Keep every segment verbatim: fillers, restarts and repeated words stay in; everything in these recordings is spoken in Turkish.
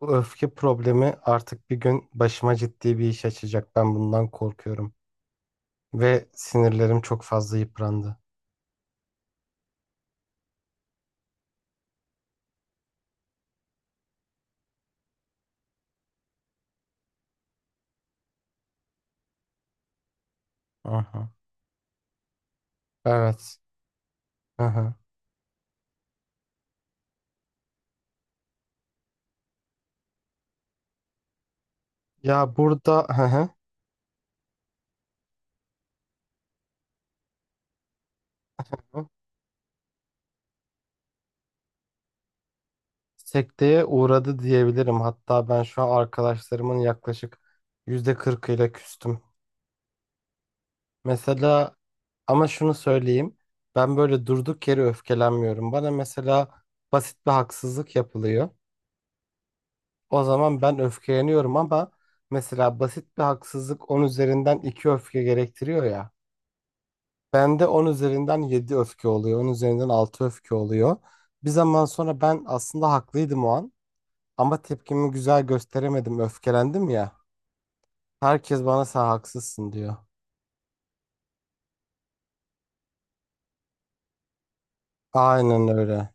Bu öfke problemi artık bir gün başıma ciddi bir iş açacak. Ben bundan korkuyorum. Ve sinirlerim çok fazla yıprandı. Aha. Evet. Aha. Ya burada aha. Sekteye uğradı diyebilirim. Hatta ben şu an arkadaşlarımın yaklaşık yüzde kırkıyla küstüm. Mesela ama şunu söyleyeyim. Ben böyle durduk yere öfkelenmiyorum. Bana mesela basit bir haksızlık yapılıyor. O zaman ben öfkeleniyorum ama mesela basit bir haksızlık on üzerinden iki öfke gerektiriyor ya. Bende on üzerinden yedi öfke oluyor. on üzerinden altı öfke oluyor. Bir zaman sonra ben aslında haklıydım o an ama tepkimi güzel gösteremedim. Öfkelendim ya. Herkes bana sen haksızsın diyor. Aynen öyle.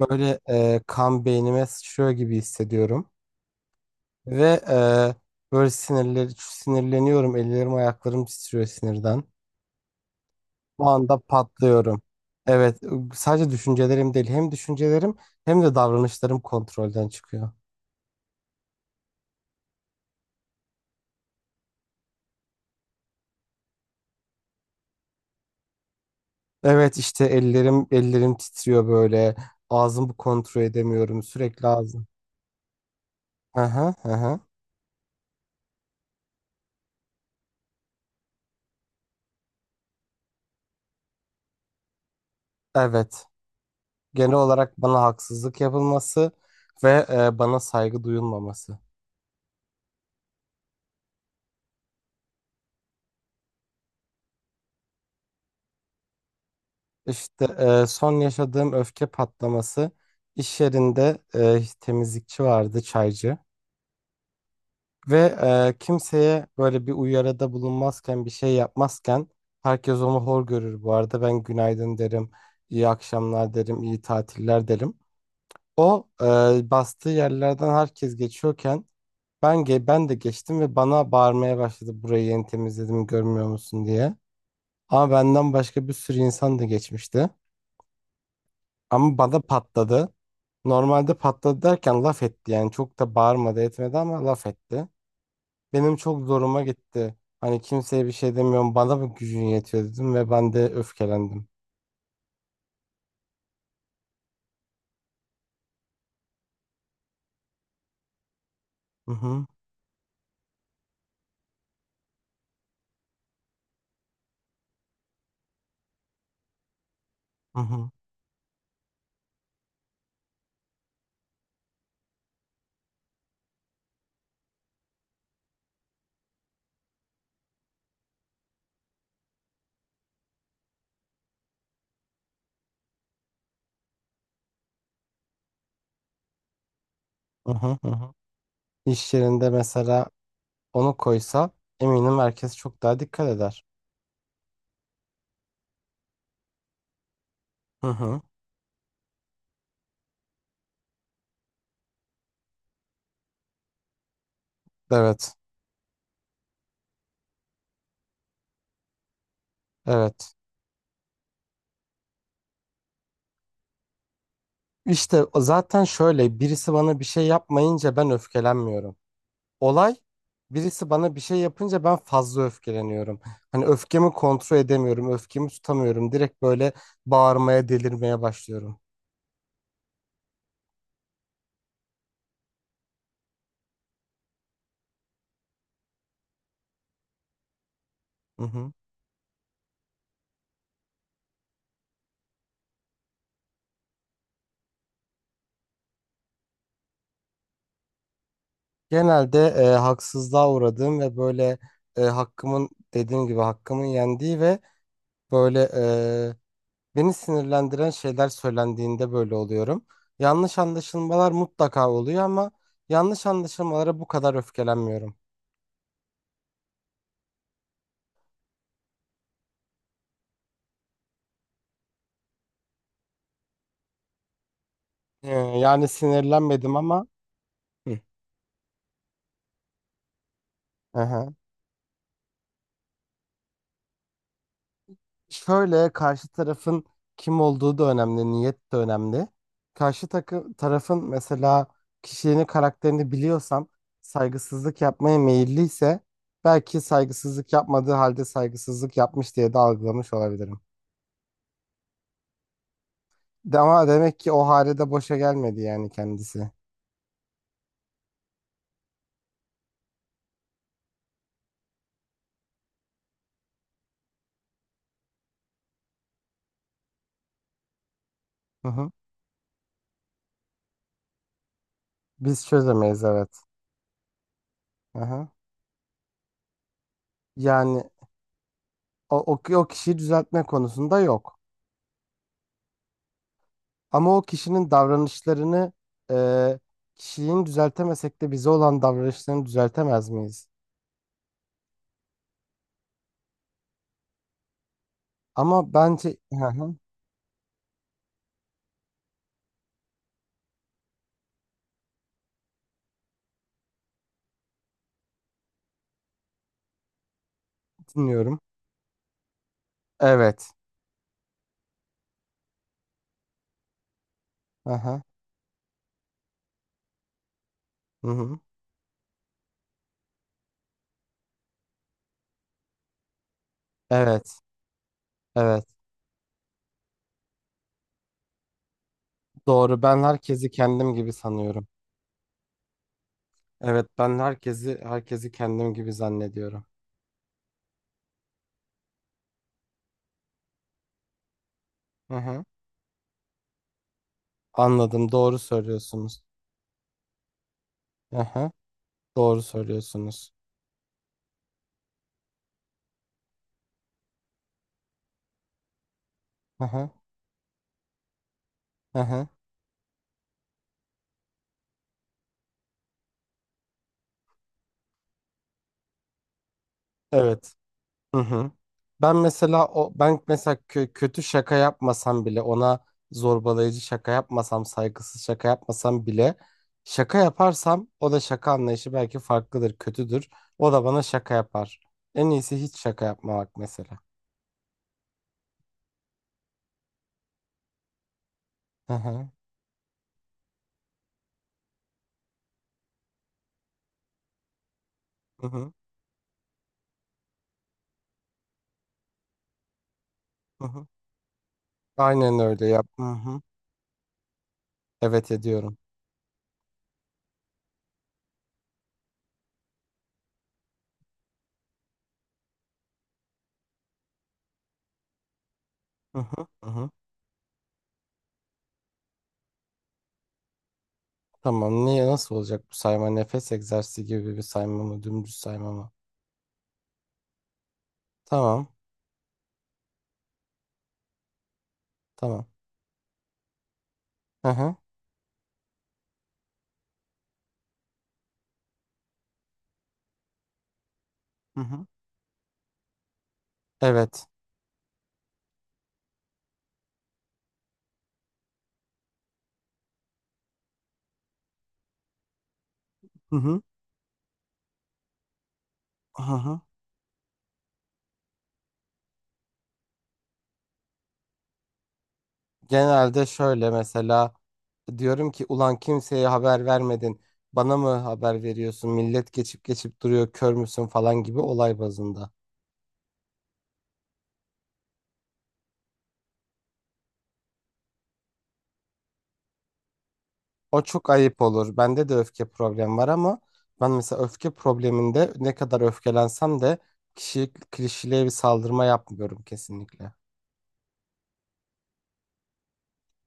Böyle e, kan beynime sıçrıyor gibi hissediyorum. Ve e, böyle sinirler, sinirleniyorum. Ellerim ayaklarım titriyor sinirden. Bu anda patlıyorum. Evet, ıı, sadece düşüncelerim değil, hem düşüncelerim hem de davranışlarım kontrolden çıkıyor. Evet, işte ellerim ellerim titriyor böyle. Ağzımı kontrol edemiyorum. Sürekli ağzım. Hı hı hı. hı. Evet. Genel olarak bana haksızlık yapılması ve e, bana saygı duyulmaması. İşte e, son yaşadığım öfke patlaması iş yerinde e, temizlikçi vardı, çaycı. Ve e, kimseye böyle bir uyarıda bulunmazken bir şey yapmazken herkes onu hor görür bu arada. Ben günaydın derim, iyi akşamlar derim, iyi tatiller derim. O e, bastığı yerlerden herkes geçiyorken ben ge- ben de geçtim ve bana bağırmaya başladı burayı yeni temizledim görmüyor musun diye. Ama benden başka bir sürü insan da geçmişti. Ama bana patladı. Normalde patladı derken laf etti yani çok da bağırmadı etmedi ama laf etti. Benim çok zoruma gitti. Hani kimseye bir şey demiyorum. Bana mı gücün yetiyor dedim ve ben de öfkelendim. Hı hı, hı hı, hı hı, hı hı. İş yerinde mesela onu koysa eminim herkes çok daha dikkat eder. Hı hı. Evet, evet. İşte o zaten şöyle birisi bana bir şey yapmayınca ben öfkelenmiyorum. Olay birisi bana bir şey yapınca ben fazla öfkeleniyorum. Hani öfkemi kontrol edemiyorum, öfkemi tutamıyorum. Direkt böyle bağırmaya, delirmeye başlıyorum. Hı hı. Genelde e, haksızlığa uğradığım ve böyle e, hakkımın dediğim gibi hakkımın yendiği ve böyle e, beni sinirlendiren şeyler söylendiğinde böyle oluyorum. Yanlış anlaşılmalar mutlaka oluyor ama yanlış anlaşılmalara bu kadar öfkelenmiyorum. E, yani sinirlenmedim ama. Hı. Aha. Şöyle karşı tarafın kim olduğu da önemli, niyet de önemli. Karşı takı, tarafın mesela kişiliğini, karakterini biliyorsam saygısızlık yapmaya meyilliyse belki saygısızlık yapmadığı halde saygısızlık yapmış diye de algılamış olabilirim. De Ama demek ki o hale de boşa gelmedi yani kendisi. Hı hı. Biz çözemeyiz evet. Hı hı. Yani o, o, o kişiyi düzeltme konusunda yok. Ama o kişinin davranışlarını e, kişiliğini düzeltemesek de bize olan davranışlarını düzeltemez miyiz? Ama bence. Hı hı, dinliyorum. Evet. Hı hı. Hı hı. Evet. Evet. Doğru. Ben herkesi kendim gibi sanıyorum. Evet, ben herkesi herkesi kendim gibi zannediyorum. Hı hı. Anladım. Doğru söylüyorsunuz. Hı hı. Doğru söylüyorsunuz. Hı hı. Hı hı. Evet. Hı hı. Ben mesela o ben mesela kö- kötü şaka yapmasam bile ona zorbalayıcı şaka yapmasam saygısız şaka yapmasam bile şaka yaparsam o da şaka anlayışı belki farklıdır kötüdür o da bana şaka yapar. En iyisi hiç şaka yapmamak mesela. Hı hı, hı hı, hı hı. Aynen öyle yap. Hı hı. Evet ediyorum. Hı hı, hı hı. Tamam, niye nasıl olacak bu sayma, nefes egzersizi gibi bir sayma mı, dümdüz sayma mı? Tamam, tamam. Hı hı, hı hı. Evet. Hı hı. Hı hı. genelde şöyle mesela diyorum ki ulan kimseye haber vermedin. Bana mı haber veriyorsun? Millet geçip geçip duruyor. Kör müsün falan gibi olay bazında. O çok ayıp olur. Bende de öfke problemi var ama ben mesela öfke probleminde ne kadar öfkelensem de kişi kişiliğe bir saldırma yapmıyorum kesinlikle.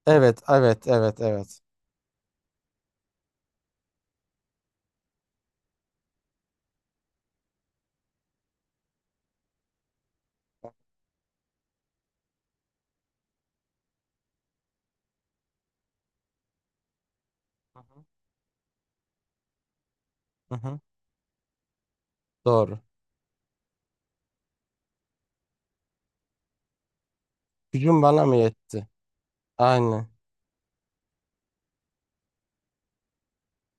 Evet, evet, evet, evet. Hı hı. Hı hı. Doğru. Gücün bana mı yetti? Aynen.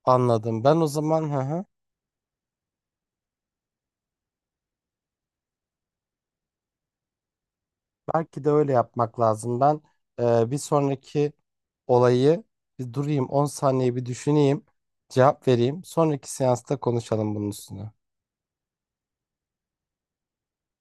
Anladım. Ben o zaman, hı hı. Belki de öyle yapmak lazım. Ben e, bir sonraki olayı bir durayım on saniye bir düşüneyim. Cevap vereyim. Sonraki seansta konuşalım bunun üstüne.